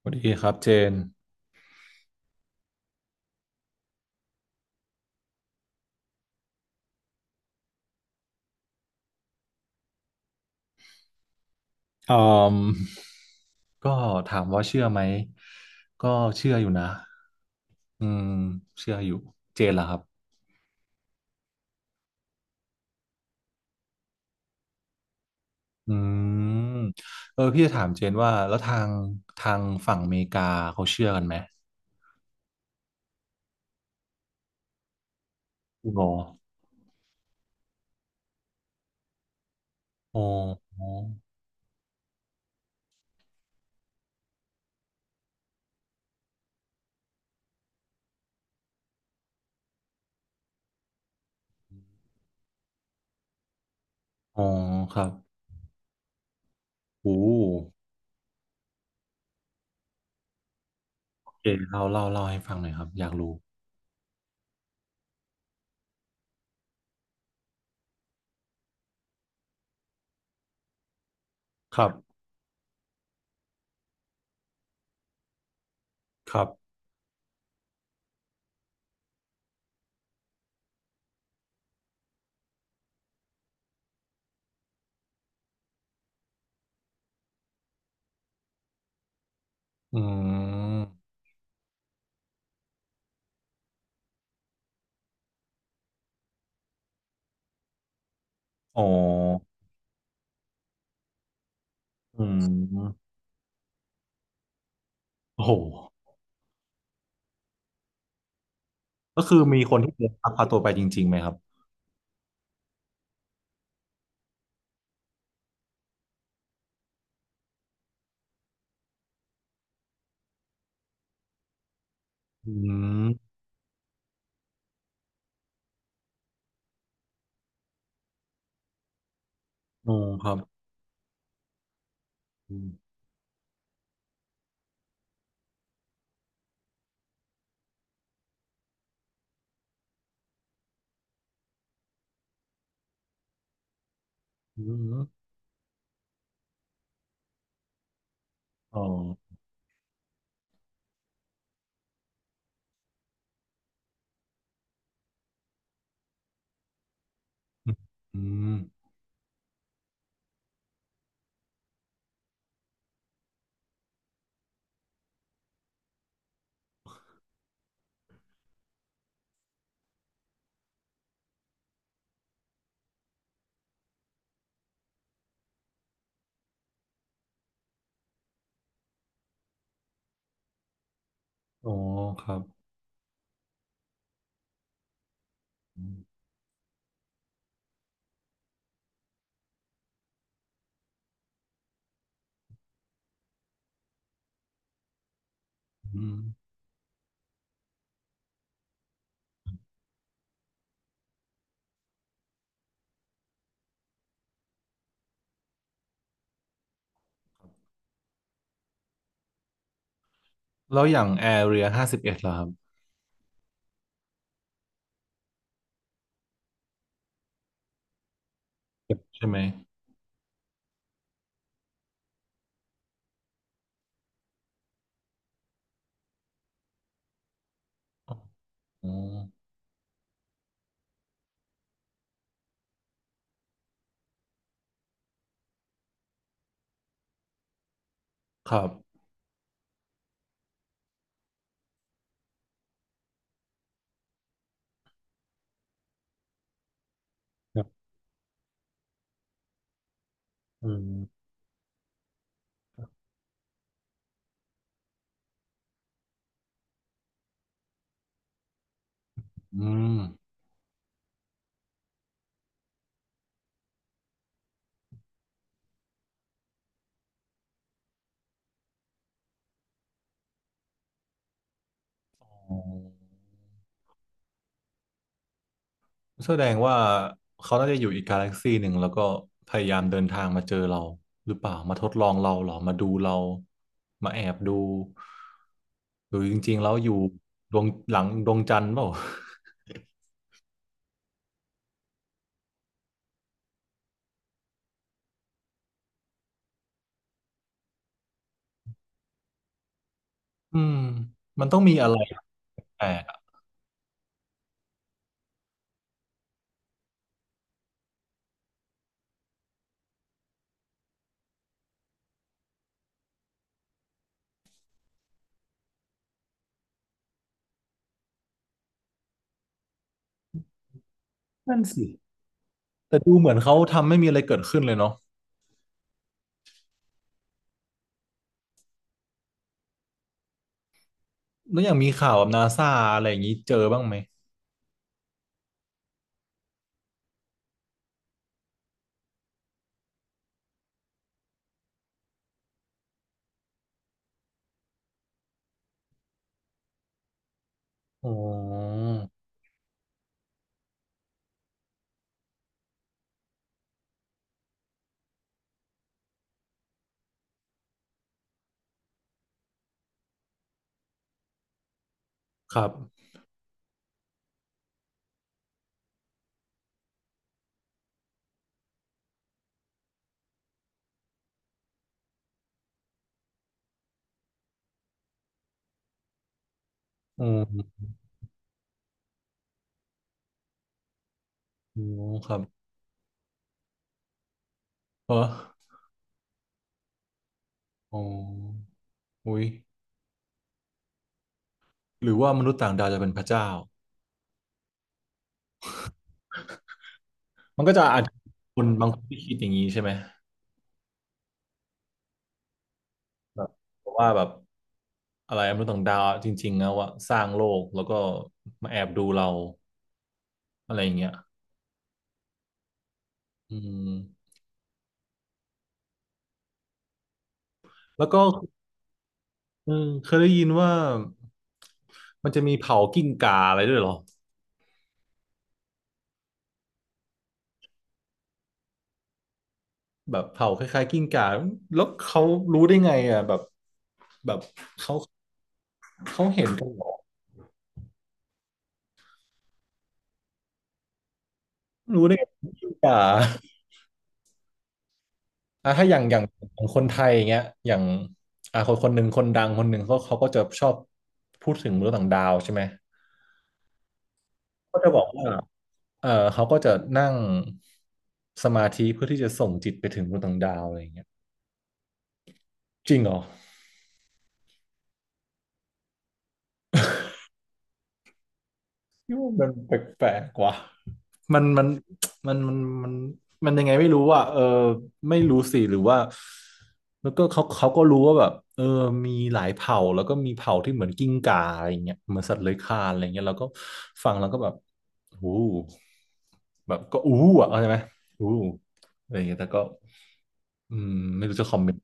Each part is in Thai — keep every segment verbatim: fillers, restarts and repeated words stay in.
สวัสดีครับเจนอืมก็ถามว่าเชื่อไหมก็เชื่ออยู่นะอืมเชื่ออยู่เจนล่ะครับอืมเออพี่จะถามเจนว่าแล้วทางทางฝั่งอเมริกาเขาเชื่อกันไหมคุณโออ๋ออ๋ออ๋อครับโอ้โอเคเล่าเล่าเล่าให้ฟังหน่อยครับอยากรู้ครับครับอืมอ๋ออืมโอ้โหก็คือมีคนที่เดินลักพาตัวไปจริงๆไหมครับอืม อ๋อครับอืมอืมอ๋ออืมอมอ๋อครับอืมอืมแล้วอย่างแอเรียห้าสิบเอ็ดล่ะครับ ใช่ไหมอ๋อครับครับอืมอืมอ๋อแสดงว่าเขาน่าจะอยู่อีกกาแล็กซีหนึ่งแล้วก็พยายามเดินทางมาเจอเราหรือเปล่ามาทดลองเราเหรอมาดูเรามาแอบดูหรือจริงๆแล้วอยู่ดวงหลังดวงจันทร์เปล่าอืมมีอะไรแปลก นั่นสิแต่ดูเหมือนเขาทำไม่มีอะไรเกิดขึ้นเลยเนาะแล้วอย่างมีข่าวแบบนาซาอะไรอย่างนี้เจอบ้างไหมอ๋อครับออืครับเอออ๋ออุ้ยหรือว่ามนุษย์ต่างดาวจะเป็นพระเจ้ามันก็จะอาจจะคนบางคนที่คิดอย่างนี้ใช่ไหมแบบว่าแบบอะไรมนุษย์ต่างดาวจริงๆนะว่าสร้างโลกแล้วก็มาแอบดูเราอะไรอย่างเงี้ยอืมแล้วก็ เออเคยได้ยินว่ามันจะมีเผากิ้งก่าอะไรด้วยเหรอแบบเผาคล้ายๆกิ้งก่าแล้วเขารู้ได้ไงอ่ะแบบแบบเขาเขาเห็นกันเหรอรู้ได้ไงกิ้งก่าอ่ะถ้าอย่างอย่างของคนไทยอย่างเงี้ยอย่างอ่ะคนคนหนึ่งคนดังคนหนึ่งเขาเขาก็จะชอบพูดถึงมนุษย์ต่างดาวใช่ไหมก็จะบอกว่าเออเขาก็จะนั่งสมาธิเพื่อที่จะส่งจิตไปถึงมวต่างดาวอะไรอย่างเงี้ยจริงเหรอ คิว่ามันแปลกๆว่ะมันมันมันมันมันมันยังไงไม่รู้อ่ะเออไม่รู้สิหรือว่าแล้วก็เขาเขาก็รู้ว่าแบบเออมีหลายเผ่าแล้วก็มีเผ่าที่เหมือนกิ้งก่าอะไรเงี้ยเหมือนสัตว์เลื้อยคลานอะไรเงี้ยแล้วก็ฟังแล้วก็แบบอู้แบบก็อู้อ่ะเข้าใจไหมอู้อะไรเงี้ยแต่ก็อืมไม่รู้จะคอมเมนต์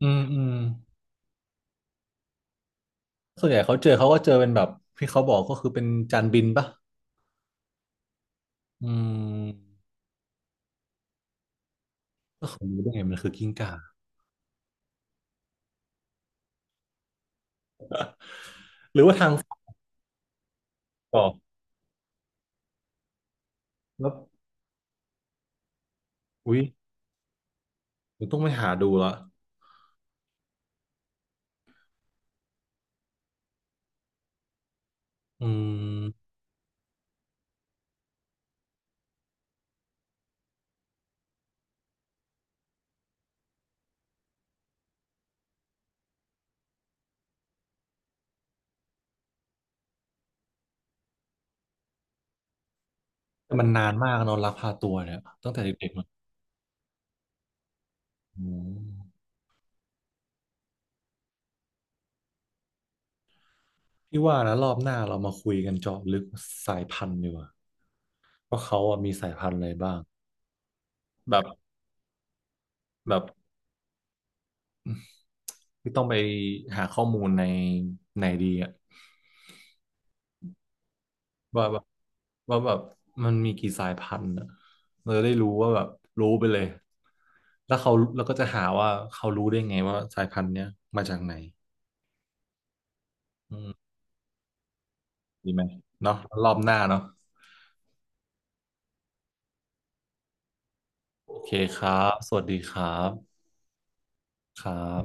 อืมอืมส่วนใหญ่เขาเจอเขาก็เจอเป็นแบบที่เขาบอกก็คือเป็นจานบินปะอืม ก็ผมรู้ได้ไงมันคือกิ้งก่าหรือว่าทางฝัก่อกแล้วอุ๊ยผมต้องไปหาดูละอืมแต่มันนานมากเนอะลักพาตัวเนี่ยตั้งแต่เด็กๆมาอืมพี่ว่านะรอบหน้าเรามาคุยกันเจาะลึกสายพันธุ์ดีกว่าว่าเขาอะมีสายพันธุ์อะไรบ้างแบบแบบที่ต้องไปหาข้อมูลในในดีอะ ว่าแบบว่าแบบมันมีกี่สายพันธุ์อ่ะเราจะได้รู้ว่าแบบรู้ไปเลยแล้วเขาแล้วก็จะหาว่าเขารู้ได้ไงว่าสายพันธุ์เนี้ยมาจากไหนอืมดีไหมเนาะรอบหน้าเนาะโอเคครับสวัสดีครับครับ